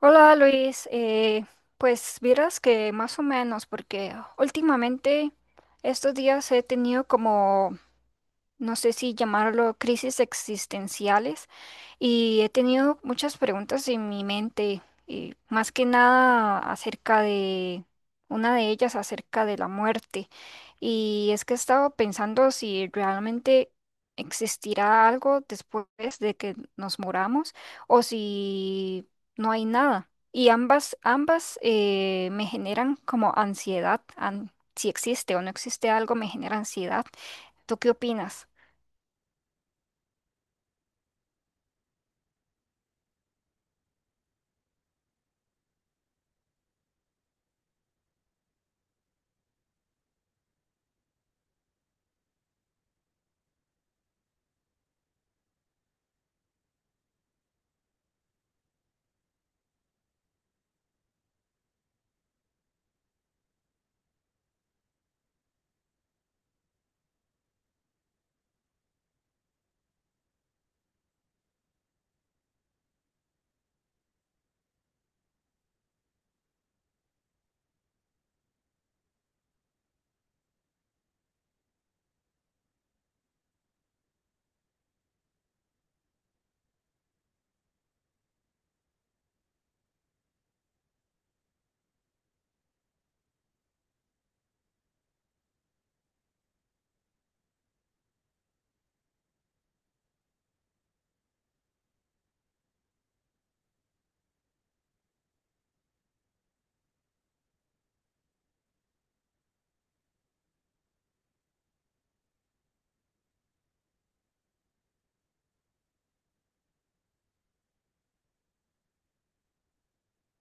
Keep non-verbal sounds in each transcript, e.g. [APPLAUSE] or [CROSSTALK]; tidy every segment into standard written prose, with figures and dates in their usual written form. Hola Luis. Pues vieras que más o menos, porque últimamente estos días he tenido no sé si llamarlo crisis existenciales, y he tenido muchas preguntas en mi mente, y más que nada acerca de una de ellas, acerca de la muerte. Y es que he estado pensando si realmente existirá algo después de que nos muramos o si no hay nada. Y ambas me generan como ansiedad. Si existe o no existe algo, me genera ansiedad. ¿Tú qué opinas?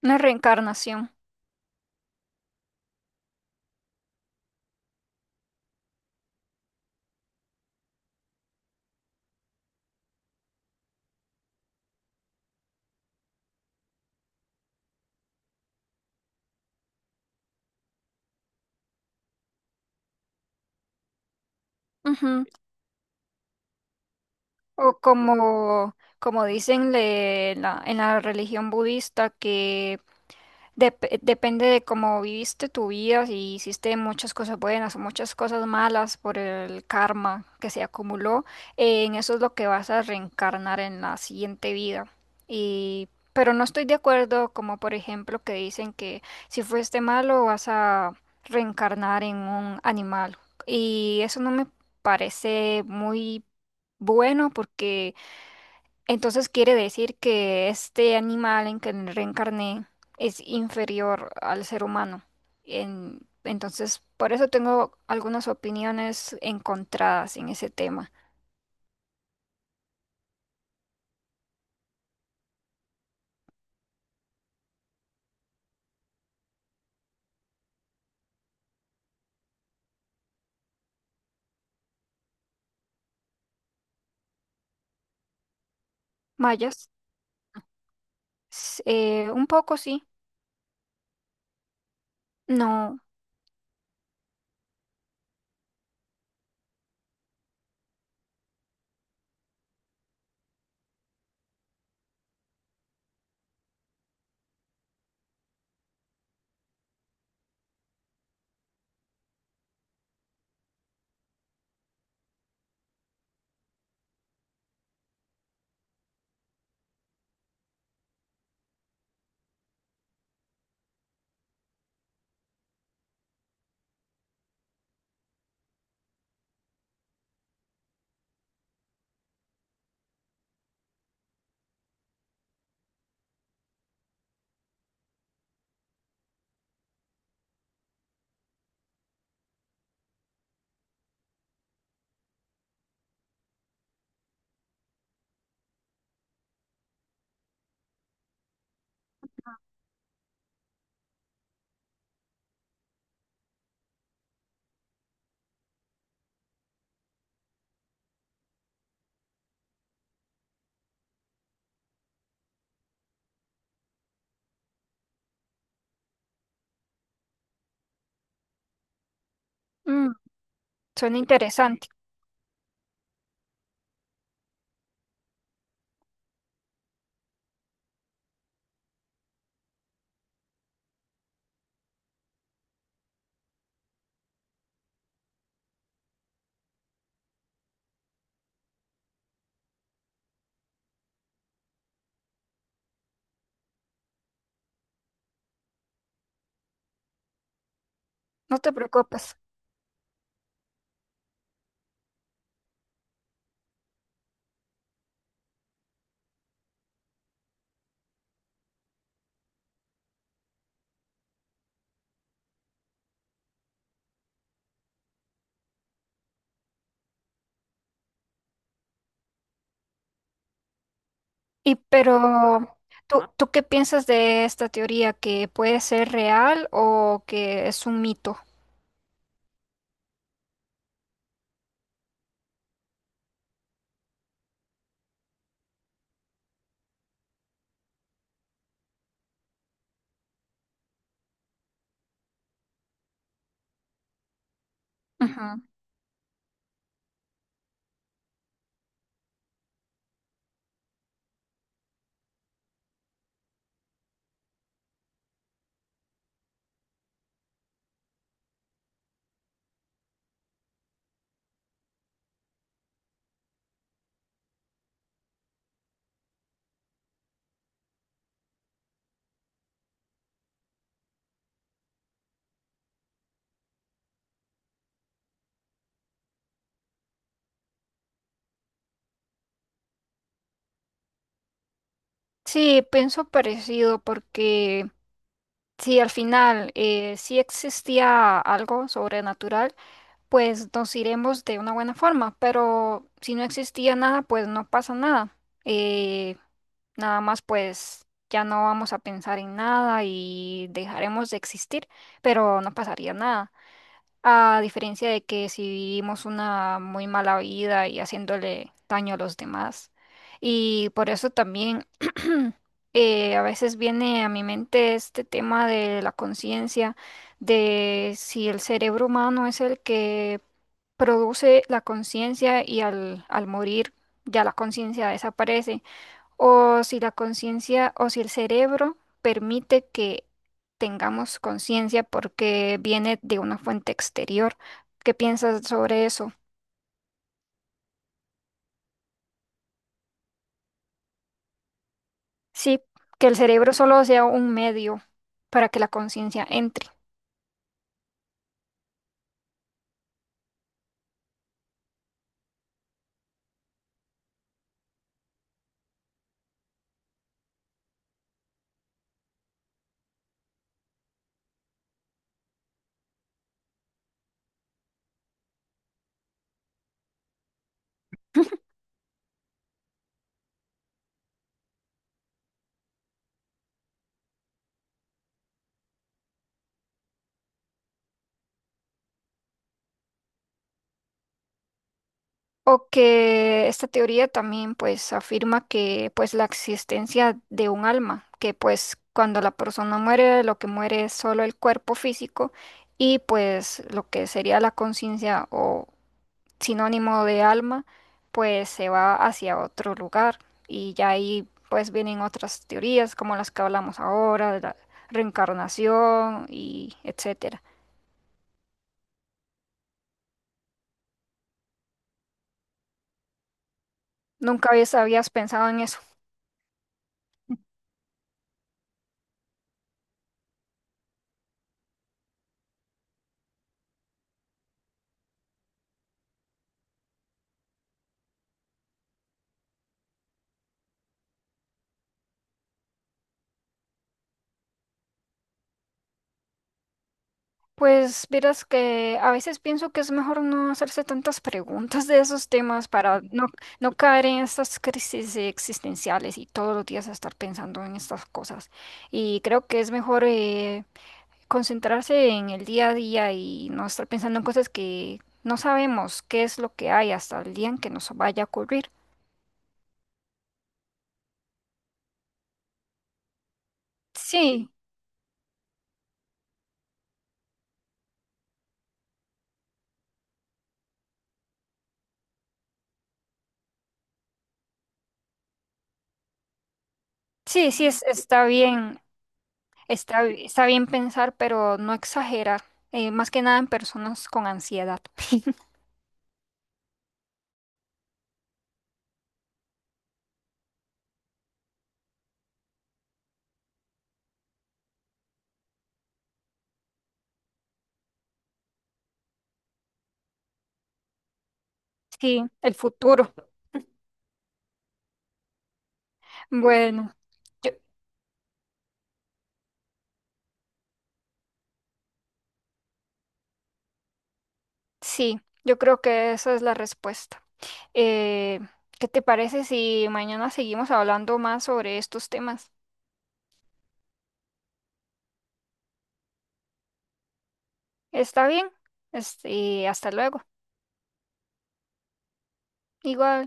Una reencarnación. Ujú. O como dicen en en la religión budista, que depende de cómo viviste tu vida, si hiciste muchas cosas buenas o muchas cosas malas por el karma que se acumuló, en eso es lo que vas a reencarnar en la siguiente vida. Y, pero no estoy de acuerdo, como por ejemplo que dicen que si fuiste malo vas a reencarnar en un animal. Y eso no me parece muy bueno porque entonces quiere decir que este animal en que reencarné es inferior al ser humano. Entonces, por eso tengo algunas opiniones encontradas en ese tema. Mayas, un poco sí, no, mm, suena interesante, no te preocupes. Y pero, tú qué piensas de esta teoría? ¿Que puede ser real o que es un mito? Ujú. Sí, pienso parecido porque si al final sí existía algo sobrenatural, pues nos iremos de una buena forma, pero si no existía nada, pues no pasa nada. Eh, Nada más pues ya no vamos a pensar en nada y dejaremos de existir, pero no pasaría nada. A diferencia de que si vivimos una muy mala vida y haciéndole daño a los demás. Y por eso también [CLEARS THROAT] a veces viene a mi mente este tema de la conciencia, de si el cerebro humano es el que produce la conciencia y al morir ya la conciencia desaparece o si la conciencia o si el cerebro permite que tengamos conciencia porque viene de una fuente exterior. ¿Qué piensas sobre eso? Sí, que el cerebro solo sea un medio para que la conciencia entre. O que esta teoría también pues afirma que pues la existencia de un alma, que pues cuando la persona muere lo que muere es solo el cuerpo físico y pues lo que sería la conciencia o sinónimo de alma, pues se va hacia otro lugar y ya ahí pues vienen otras teorías como las que hablamos ahora, de la reencarnación y etcétera. ¿Nunca habías pensado en eso? Pues verás que a veces pienso que es mejor no hacerse tantas preguntas de esos temas para no caer en estas crisis existenciales y todos los días estar pensando en estas cosas. Y creo que es mejor... concentrarse en el día a día y no estar pensando en cosas que no sabemos qué es lo que hay hasta el día en que nos vaya a ocurrir. Sí, sí, sí, está bien, está bien pensar, pero no exagerar, más que nada en personas con ansiedad. [LAUGHS] Sí, el futuro. Bueno, yo, sí, yo creo que esa es la respuesta. Eh, ¿Qué te parece si mañana seguimos hablando más sobre estos temas? ¿Está bien? Este, hasta luego. Igual.